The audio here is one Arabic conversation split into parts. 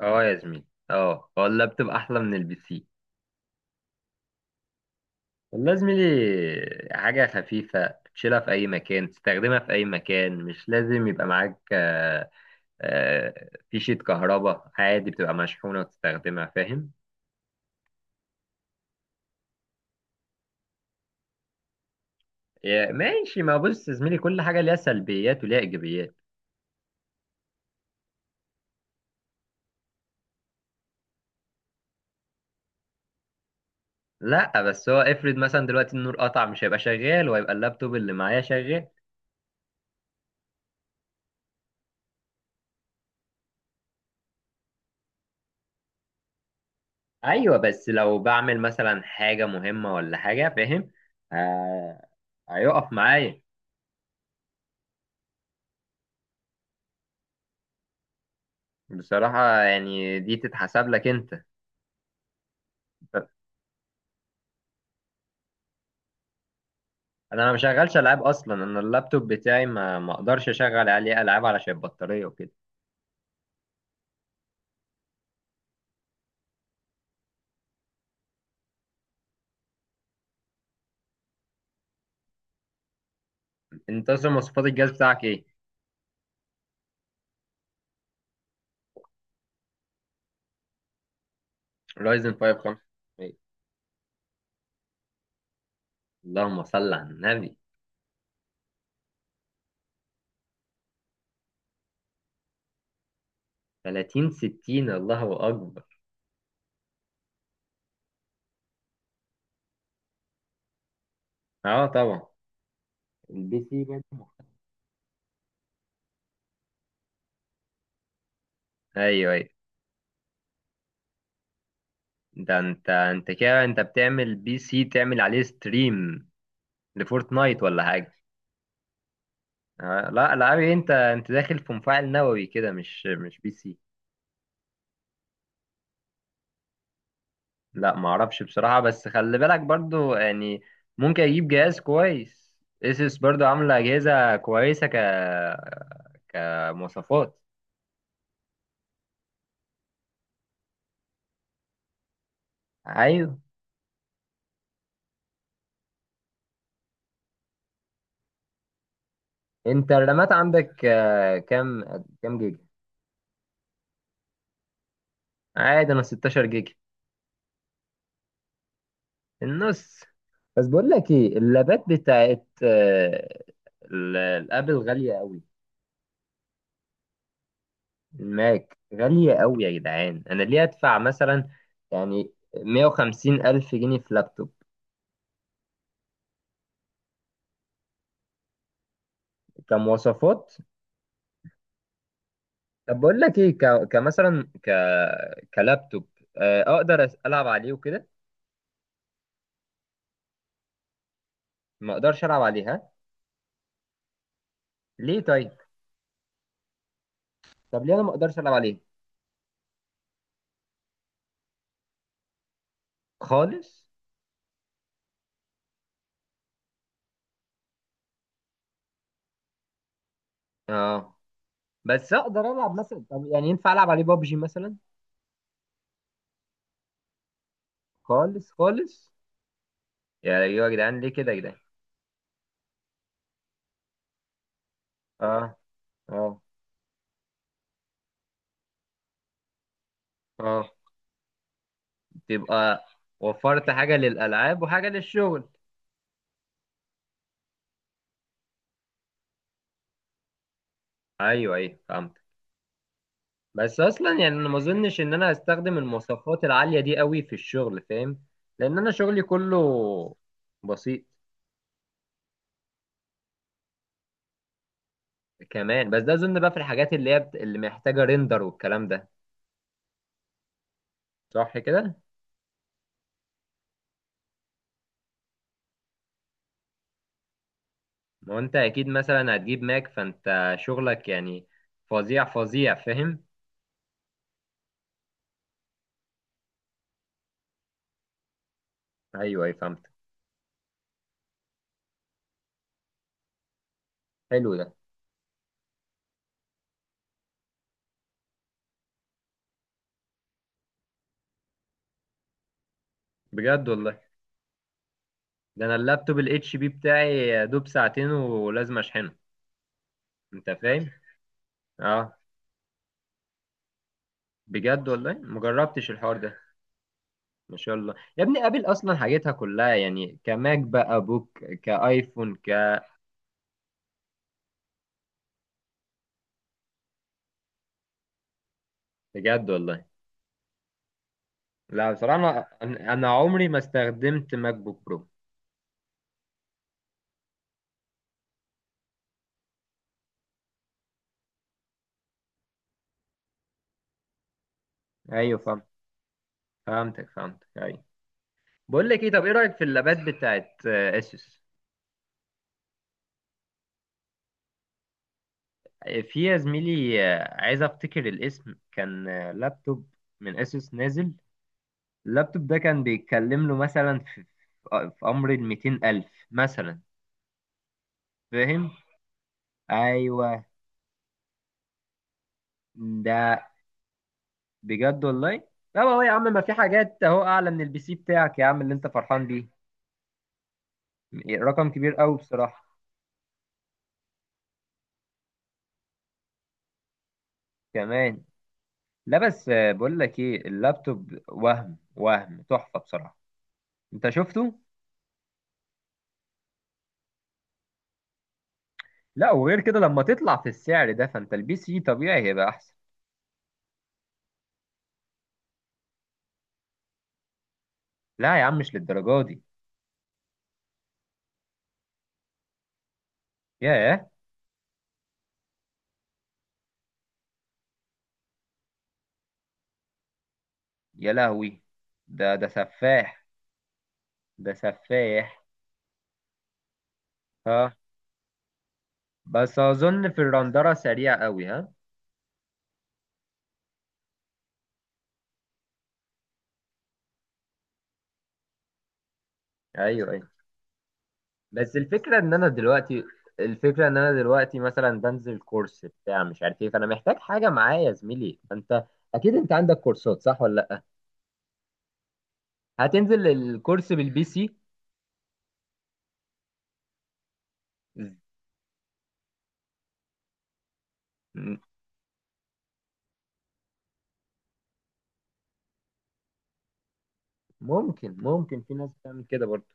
اه يا زميلي اه هو اللابتوب احلى من البي سي. والله يا زميلي حاجة خفيفة تشيلها في أي مكان، تستخدمها في أي مكان، مش لازم يبقى معاك آه، فيشة كهرباء، عادي بتبقى مشحونة وتستخدمها، فاهم. ماشي، ما بص يا زميلي، كل حاجة ليها سلبيات وليها إيجابيات. لا بس هو افرض مثلا دلوقتي النور قطع، مش هيبقى شغال، وهيبقى اللابتوب اللي معايا شغال. أيوة، بس لو بعمل مثلا حاجة مهمة ولا حاجة، فاهم، آه، هيقف معايا. بصراحة يعني دي تتحسب لك انت. انا ما بشغلش العاب اصلا، انا اللابتوب بتاعي ما اقدرش اشغل عليه العاب علشان البطارية وكده. انت اصلا مواصفات الجهاز بتاعك ايه؟ رايزن 5 5 ايه؟ اللهم صل على النبي. 30 60؟ الله اكبر. اه طبعا، البي سي برضه ايوه ايوه. ده انت انت كده انت بتعمل بي سي تعمل عليه ستريم لفورتنايت ولا حاجة؟ آه لا، العاب ايه؟ انت انت داخل في مفاعل نووي كده، مش بي سي. لا ما اعرفش بصراحة، بس خلي بالك برضو يعني، ممكن اجيب جهاز كويس. اسس برضو عاملة اجهزة كويسة ك كمواصفات. ايوه، انت الرامات عندك كام؟ كام جيجا؟ عادي، انا 16 جيجا، النص. بس بقول لك ايه، اللابات بتاعت الابل غالية قوي. الماك غالية قوي يا جدعان. انا ليه ادفع مثلا يعني 150 الف جنيه في لابتوب كمواصفات؟ طب بقول لك ايه، كلابتوب، آه، اقدر أس- العب عليه وكده. ما اقدرش العب عليها ليه طيب؟ طب ليه انا ما اقدرش العب عليه خالص؟ اه. بس اقدر العب مثلا، طب يعني ينفع العب عليه بابجي مثلا؟ خالص خالص؟ يا ايوه يا جدعان، ليه كده يا جدعان؟ اه، اه، اه. تبقى وفرت حاجه للالعاب وحاجه للشغل. ايوه ايوه فهمت. بس اصلا يعني انا ما اظنش ان انا هستخدم المواصفات العاليه دي قوي في الشغل، فاهم، لان انا شغلي كله بسيط. كمان؟ بس ده اظن بقى في الحاجات اللي هي اللي محتاجه ريندر والكلام ده، صح كده؟ ما هو انت اكيد مثلا هتجيب ماك، فانت شغلك يعني فظيع فظيع فاهم. ايوه اي فهمت. حلو ده؟ بجد والله؟ ده انا اللابتوب الاتش بي بتاعي يا دوب ساعتين ولازم اشحنه، انت فاهم. اه، بجد والله، مجربتش الحوار ده. ما شاء الله، يا ابني ابل اصلا حاجتها كلها يعني، كماك بقى بوك، كايفون ك. بجد والله؟ لا بصراحه انا عمري ما استخدمت ماك بوك برو. ايوه فهمت، فهمتك فهمتك، ايوه. بقول لك ايه، طب ايه رايك في اللابات بتاعت اسوس؟ في يا زميلي، عايز افتكر الاسم، كان لابتوب من اسوس نازل، اللابتوب ده كان بيتكلم له مثلا في امر ال 200,000 مثلا، فاهم. ايوه ده؟ بجد والله. لا هو يا عم ما في حاجات اهو اعلى من البي سي بتاعك يا عم اللي انت فرحان بيه. رقم كبير قوي بصراحة. كمان. لا بس بقول لك ايه، اللابتوب وهم، وهم تحفة بصراحة، انت شفته. لا وغير كده لما تطلع في السعر ده، فانت البي سي طبيعي هيبقى احسن. لا يا عم، مش للدرجة دي. ياه. يا لهوي، ده ده سفاح. ده سفاح. ها. بس اظن في الرندرة سريع قوي، ها. ايوه، أيوه. بس الفكرة ان انا دلوقتي، الفكرة ان انا دلوقتي مثلا بنزل كورس بتاع مش عارف ايه، فانا محتاج حاجة معايا يا زميلي. فانت اكيد انت عندك كورسات، صح ولا لا؟ هتنزل الكورس بالبي سي؟ م- ممكن، ممكن، في ناس بتعمل كده برضه.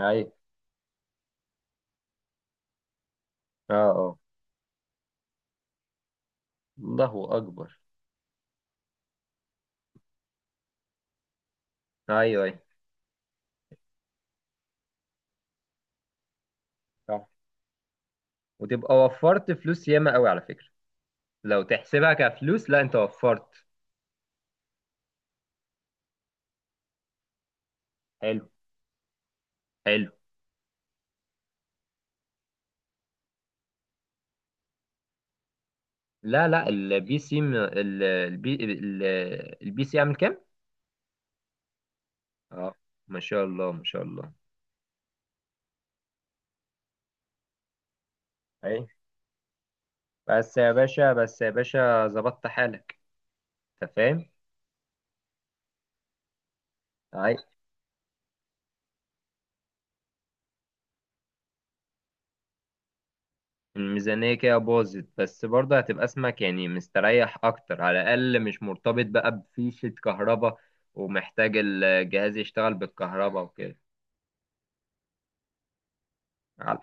ايوه. اه اه. الله اكبر. ايوه ايوه. صح. وتبقى وفرت فلوس ياما قوي على فكرة، لو تحسبها كفلوس لا انت وفرت. حلو. حلو. لا لا البي سي م- ال- البي ال- البي سي عامل كام؟ اه. ما شاء الله، ما شاء الله. اي. بس يا باشا، بس يا باشا ظبطت حالك، انت فاهم. اي. الميزانية كده باظت، بس برضه هتبقى اسمك يعني مستريح اكتر، على الاقل مش مرتبط بقى بفيشة كهرباء ومحتاج الجهاز يشتغل بالكهرباء وكده. على-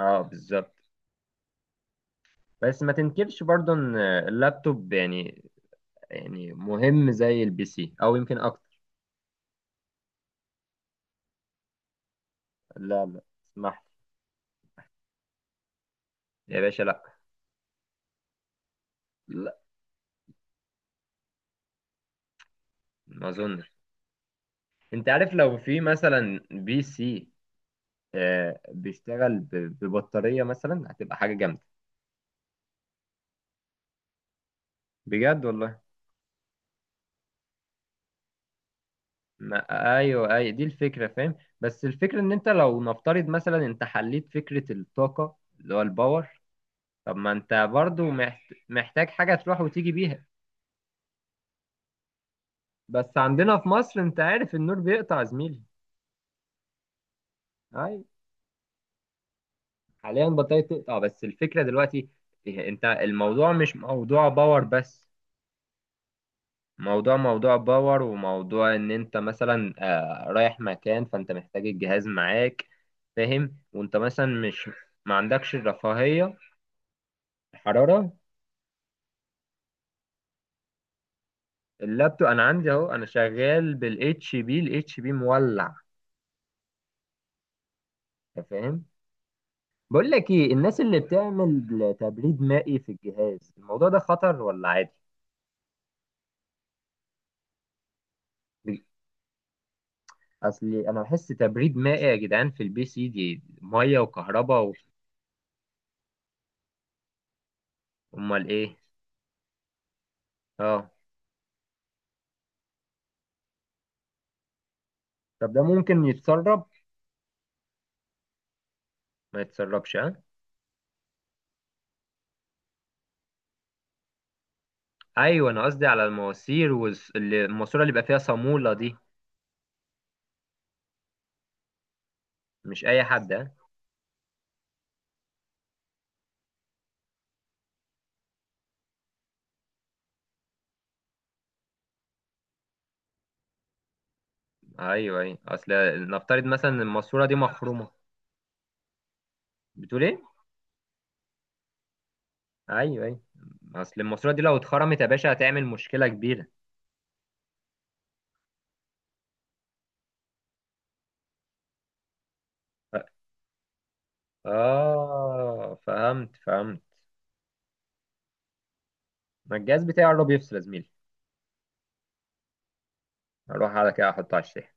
اه بالظبط. بس ما تنكرش برضه ان اللابتوب يعني، يعني مهم زي البي سي او يمكن اكتر. لا لا. اسمح لي يا باشا، لا. لا، ما اظنش. انت عارف، لو في مثلا بي سي آه، بيشتغل ب- ببطارية مثلا، هتبقى حاجة جامدة. بجد والله؟ ما ايوه، اي دي الفكرة، فاهم. بس الفكرة ان انت لو نفترض مثلا انت حليت فكرة الطاقة اللي هو الباور، طب ما انت برضو محتاج حاجة تروح وتيجي بيها. بس عندنا في مصر انت عارف النور بيقطع يا زميلي. اي. حاليا البطارية بتقطع، بس الفكرة دلوقتي، إيه، انت الموضوع مش موضوع باور بس، موضوع موضوع باور وموضوع ان انت مثلا رايح مكان، فانت محتاج الجهاز معاك فاهم، وانت مثلا مش ما عندكش الرفاهية. الحرارة؟ اللابتوب انا عندي اهو، انا شغال بالاتش بي، الاتش بي مولع، أنت فاهم. بقول لك ايه، الناس اللي بتعمل تبريد مائي في الجهاز، الموضوع ده خطر ولا عادي؟ اصلي انا بحس تبريد مائي يا جدعان في البي سي دي، ميه وكهرباء امال ايه؟ اه، طب ده ممكن يتسرب؟ ما يتسربش، ها؟ ايوه، انا قصدي على المواسير والماسوره اللي بيبقى فيها صاموله دي، مش اي حد، ها؟ ايوه ايوه. اصل نفترض مثلا إن الماسوره دي مخرومه، بتقول ايه؟ ايوه ايوه، اصل الماسوره دي لو اتخرمت يا باشا هتعمل مشكله كبيره. ف- اه فهمت فهمت. ما الجهاز بتاعي قرب يفصل يا زميلي، اروح على كده احطه على الشاحن.